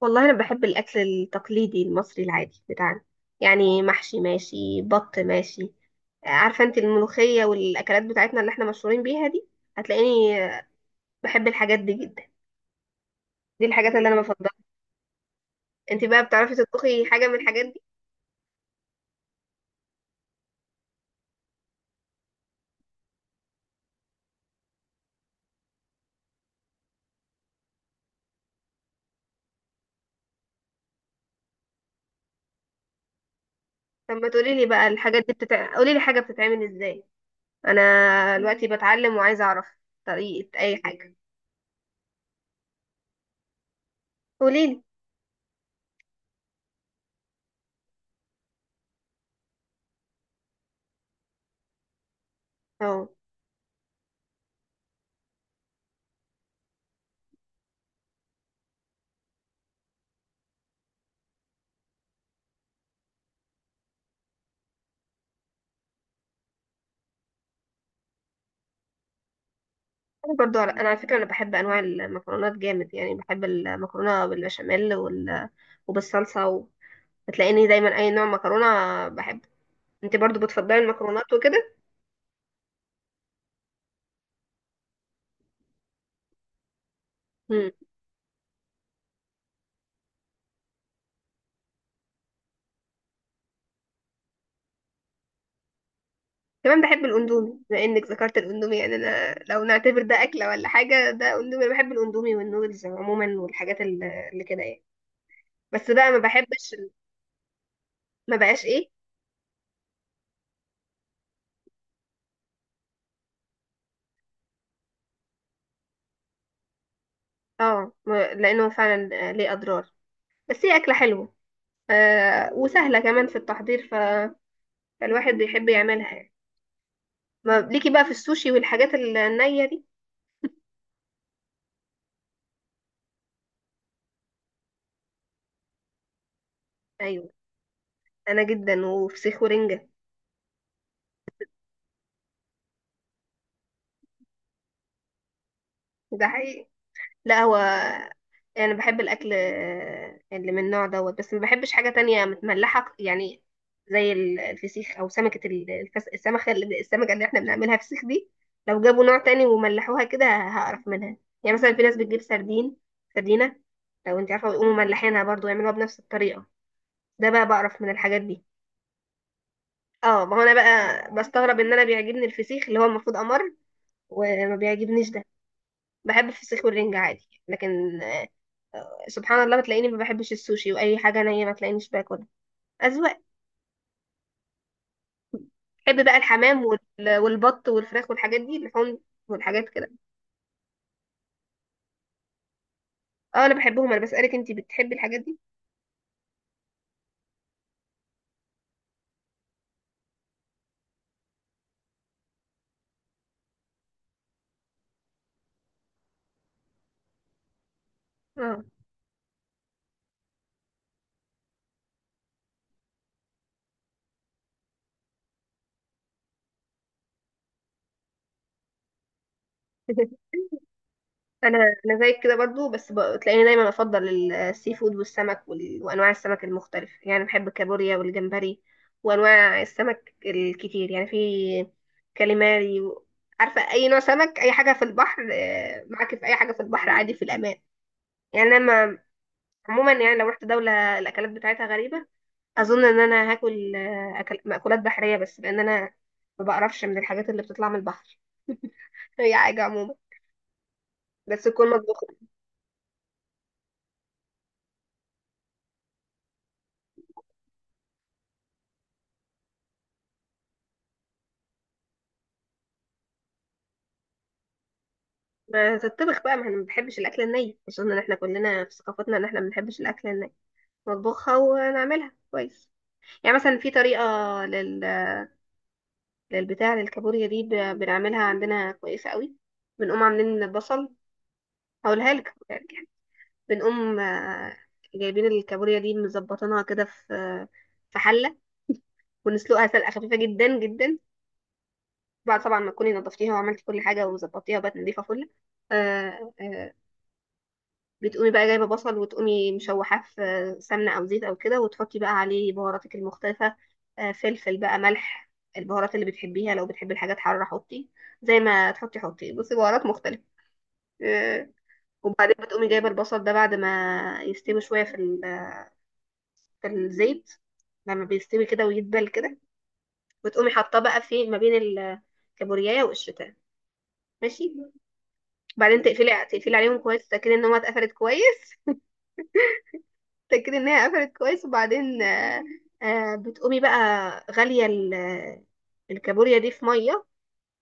والله انا بحب الاكل التقليدي المصري العادي بتاعنا. يعني محشي ماشي، بط ماشي، عارفه انت، الملوخيه والاكلات بتاعتنا اللي احنا مشهورين بيها دي. هتلاقيني بحب الحاجات دي جدا. دي الحاجات اللي انا بفضلها. انت بقى بتعرفي تطبخي حاجه من الحاجات دي؟ طب ما تقولي لي بقى الحاجات دي قولي لي حاجه بتتعمل ازاي. انا دلوقتي بتعلم وعايزه اعرف طريقه اي حاجه. قولي لي. اه، انا برضو انا على فكره انا بحب انواع المكرونات جامد. يعني بحب المكرونه بالبشاميل وبالصلصه. هتلاقيني دايما اي نوع مكرونه بحبه. انت برضو بتفضلي المكرونات وكده؟ امم، كمان بحب الاندومي. بما انك ذكرت الاندومي، يعني انا لو نعتبر ده اكله ولا حاجه، ده اندومي. بحب الاندومي والنودلز عموما، والحاجات اللي كده يعني. بس بقى ما بحبش ما بقاش ايه. اه، لانه فعلا ليه اضرار، بس هي اكله حلوه، آه، وسهله كمان في التحضير. فالواحد بيحب يعملها يعني. ما ليكي بقى في السوشي والحاجات النيه دي؟ ايوه، انا جدا، وفسيخ ورنجه. ده حقيقي. لا، هو يعني انا بحب الاكل اللي من النوع دوت، بس ما بحبش حاجه تانية متملحه يعني. زي الفسيخ، او سمكه السمكه اللي احنا بنعملها فسيخ دي، لو جابوا نوع تاني وملحوها كده هقرف منها. يعني مثلا في ناس بتجيب سردين، سردينه، لو انت عارفه، ويقوموا ملحينها برضو يعملوها بنفس الطريقه. ده بقى بقرف من الحاجات دي. اه، ما هو انا بقى بستغرب ان انا بيعجبني الفسيخ اللي هو المفروض امر، وما بيعجبنيش ده. بحب الفسيخ والرنجة عادي، لكن سبحان الله بتلاقيني ما بحبش السوشي، واي حاجه نيه ما تلاقينيش باكلها. اذواق. بحب بقى الحمام والبط والفراخ والحاجات دي، اللحوم والحاجات كده. اه، انا بحبهم. انا بسالك انتي بتحبي الحاجات دي؟ اه. انا انا زيك كده برضو. بس بتلاقيني دايما افضل السي فود والسمك وانواع السمك المختلفه يعني. بحب الكابوريا والجمبري وانواع السمك الكتير. يعني في كاليماري عارفه، اي نوع سمك، اي حاجه في البحر، معاكي في اي حاجه في البحر عادي، في الامان يعني. انا عموما يعني لو رحت دولة الأكلات بتاعتها غريبة، أظن إن أنا هاكل، أكل مأكولات بحرية بس، لأن أنا ما بقرفش من الحاجات اللي بتطلع من البحر. هي حاجة عموما بس تكون مطبوخة. ما تطبخ بقى، ما احنا ما بنحبش الأكل الني. أظن إن احنا كلنا في ثقافتنا إن احنا ما بنحبش الأكل الني، نطبخها ونعملها كويس. يعني مثلا في طريقة لل... للبتاع للكابوريا دي، بنعملها عندنا كويسة قوي. بنقوم عاملين البصل. هقولها لك يعني. بنقوم، جايبين الكابوريا دي مظبطينها كده في، في حله، ونسلقها سلقه خفيفه جدا جدا. بعد طبعا ما تكوني نضفتيها وعملتي كل حاجه وظبطتيها وبقت نضيفه فل. آه، آه، بتقومي بقى جايبه بصل، وتقومي مشوحاه في سمنه او زيت او كده، وتحطي بقى عليه بهاراتك المختلفه. فلفل بقى، ملح، البهارات اللي بتحبيها. لو بتحبي الحاجات حاره حطي. زي ما تحطي، حطي، بصي، بهارات مختلفه. آه، وبعدين بتقومي جايبه البصل ده بعد ما يستوي شويه في الزيت. لما بيستوي كده ويدبل كده، وتقومي حاطاه بقى في ما بين الكابوريايه والشوتان، ماشي. بعدين تقفلي عليهم كويس، تتاكدي ان هي اتقفلت كويس. تتاكدي ان هي قفلت كويس، وبعدين، بتقومي بقى غاليه الكابوريا دي في ميه.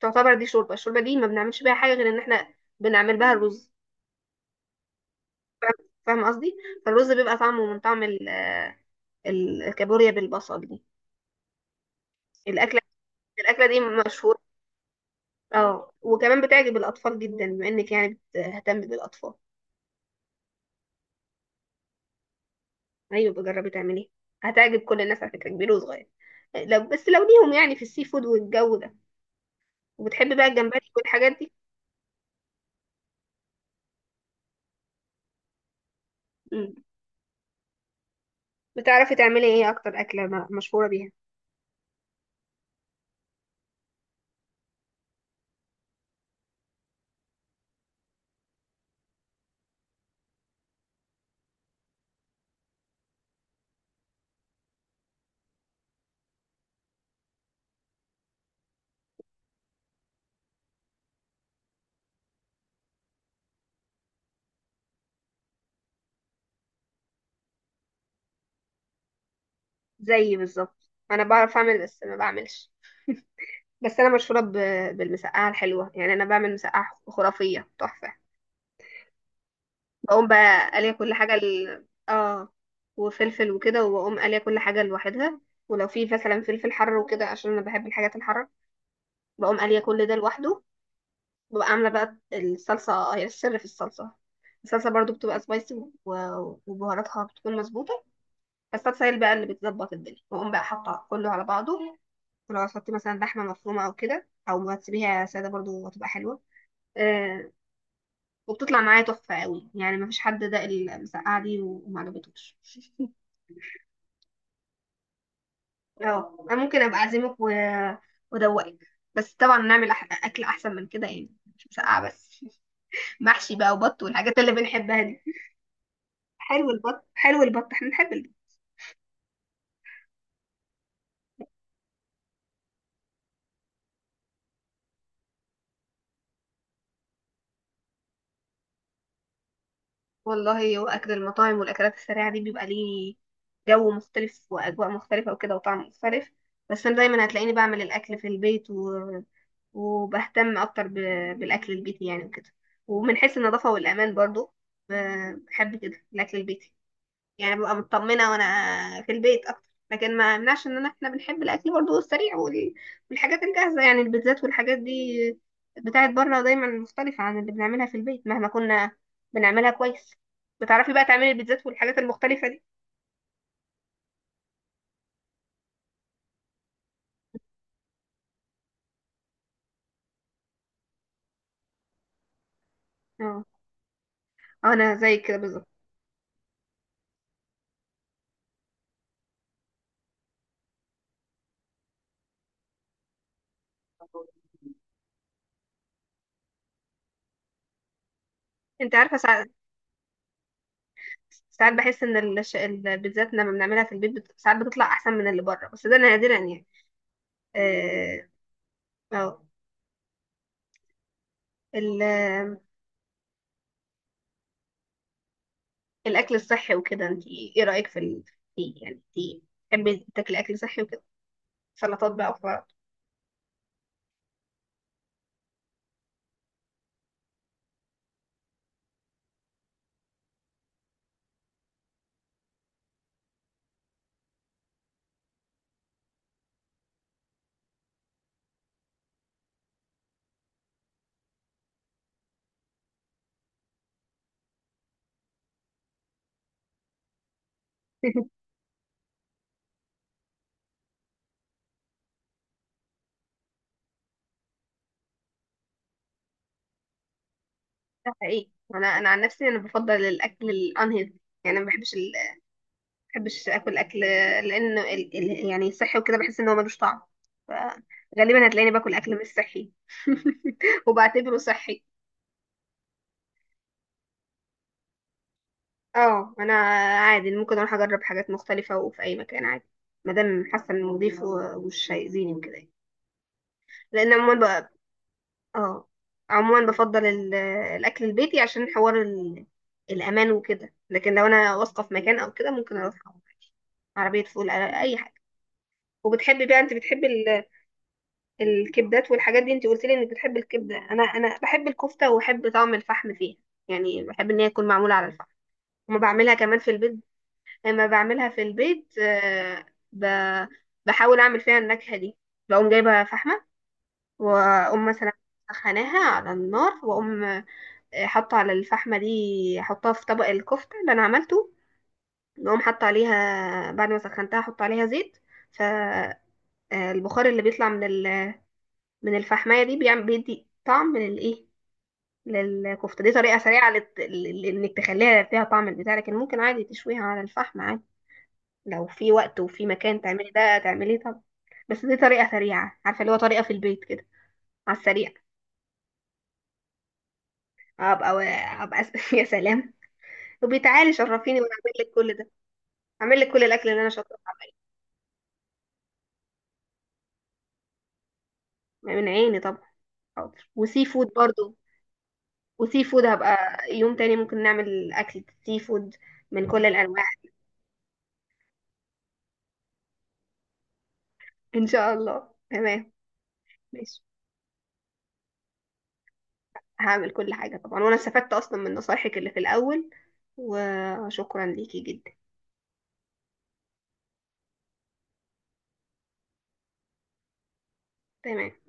تعتبر دي شوربه. الشوربه دي ما بنعملش بيها حاجه غير ان احنا بنعمل بها الرز. فاهمه قصدي؟ فالرز بيبقى طعمه من طعم الكابوريا بالبصل دي. الاكله الاكله دي مشهوره. اه، وكمان بتعجب الأطفال جدا، بما إنك يعني بتهتم بالأطفال. أيوة بجربي تعمليه، هتعجب كل الناس على فكرة، كبير وصغير. لو بس لو ليهم يعني في السي فود والجو ده. وبتحبي بقى الجمبري والحاجات دي؟ مم. بتعرفي تعملي ايه أكتر أكلة مشهورة بيها؟ زيي بالظبط، أنا بعرف أعمل بس ما بعملش. بس أنا مشهورة بالمسقعة الحلوة يعني. أنا بعمل مسقعة خرافية، تحفة. بقوم بقى قاليه كل حاجة اه، وفلفل وكده، وبقوم قاليه كل حاجة لوحدها. ولو في مثلا فلفل حر وكده عشان انا بحب الحاجات الحارة، بقوم قاليه كل ده لوحده. ببقى عاملة بقى الصلصة، هي السر في الصلصة. الصلصة برضو بتبقى سبايسي، وبهاراتها بتكون مظبوطة. الصلصة هي اللي بقى اللي بتظبط الدنيا. بقوم بقى حاطة كله على بعضه. ولو هتحطي مثلا لحمة مفرومة أو كده، أو ما تسيبيها سادة برضو هتبقى حلوة. آه. وبتطلع معايا تحفة قوي يعني. مفيش حد ده المسقعة دي ومعجبتوش. اه، انا ممكن ابقى اعزمك وادوقك، بس طبعا نعمل اكل احسن من كده يعني. مش مسقعه بس. محشي بقى، وبط، والحاجات اللي بنحبها دي. حلو البط، حلو البط، احنا نحب البط. والله هو اكل المطاعم والاكلات السريعه دي بيبقى ليه جو مختلف، واجواء مختلفه وكده، وطعم مختلف. بس انا دايما هتلاقيني بعمل الاكل في البيت وبهتم اكتر بالاكل البيتي يعني وكده. ومن حيث النظافه والامان برضو، ب- بحب كده الاكل البيتي يعني. ببقى مطمنة وانا في البيت اكتر. لكن ما يمنعش ان انا احنا بنحب الاكل برضو السريع والحاجات الجاهزة، يعني البيتزات والحاجات دي بتاعت بره دايما مختلفة عن اللي بنعملها في البيت، مهما كنا بنعملها كويس. بتعرفي بقى تعملي البيتزات والحاجات المختلفة دي؟ اه، انا زي كده بالظبط. انت عارفة، ساعات، ساعات بحس ان البيتزات لما بنعملها في البيت ساعات بتطلع احسن من اللي بره، بس ده نادرا يعني. اه. آه. ال- الاكل الصحي وكده، انت ايه رايك في يعني انت بتحبي تاكلي اكل صحي وكده، سلطات بقى وخضار؟ ده حقيقي. انا انا عن نفسي انا بفضل الاكل الانهيلثي يعني. ما بحبش اكل لان يعني الصحي وكده بحس ان هو ملوش طعم. فغالبا هتلاقيني باكل اكل مش صحي. وبعتبره صحي. اه، انا عادي ممكن اروح اجرب حاجات مختلفه، وفي اي مكان عادي، ما دام حاسه انه نضيف ومش هيأذيني وكده يعني. لان عموما، اه، عموما بفضل الاكل البيتي عشان حوار الامان وكده. لكن لو انا واثقه في مكان او كده، ممكن اروح أقعد عربيه فول، اي حاجه. وبتحبي بقى، انت بتحبي الكبدات والحاجات دي؟ انت قلت لي انك بتحبي الكبده. انا انا بحب الكفته وبحب طعم الفحم فيها. يعني بحب ان هي تكون معموله على الفحم. وما بعملها كمان في البيت. لما بعملها في البيت، ب- بحاول اعمل فيها النكهه دي. بقوم جايبه فحمه، واقوم مثلا سخناها على النار، واقوم حط على الفحمة دي. حطها في طبق الكفتة اللي أنا عملته. نقوم حط عليها بعد ما سخنتها، حط عليها زيت. فالبخار اللي بيطلع من الفحماية دي بيعمل بيدي طعم للإيه، للكفتة دي. طريقة سريعة إنك تخليها فيها طعم البتاع. لكن ممكن عادي تشويها على الفحم عادي، لو في وقت وفي مكان تعملي ده تعمليه طبعا. بس دي طريقة سريعة، عارفة، اللي هو طريقة في البيت كده على السريع. أبقى، أبقى. يا سلام. وبتعالي شرفيني وأنا أعمل لك كل ده. هعمل لك كل الاكل اللي انا شاطره في عمله. من عيني طبعا، حاضر. وسي فود برضو، وسي فود هبقى يوم تاني ممكن نعمل اكل سي فود من كل الانواع. ان شاء الله، تمام. ماشي، هعمل كل حاجه طبعا. وانا استفدت اصلا من نصايحك اللي في الاول، وشكرا ليكي جدا. تمام.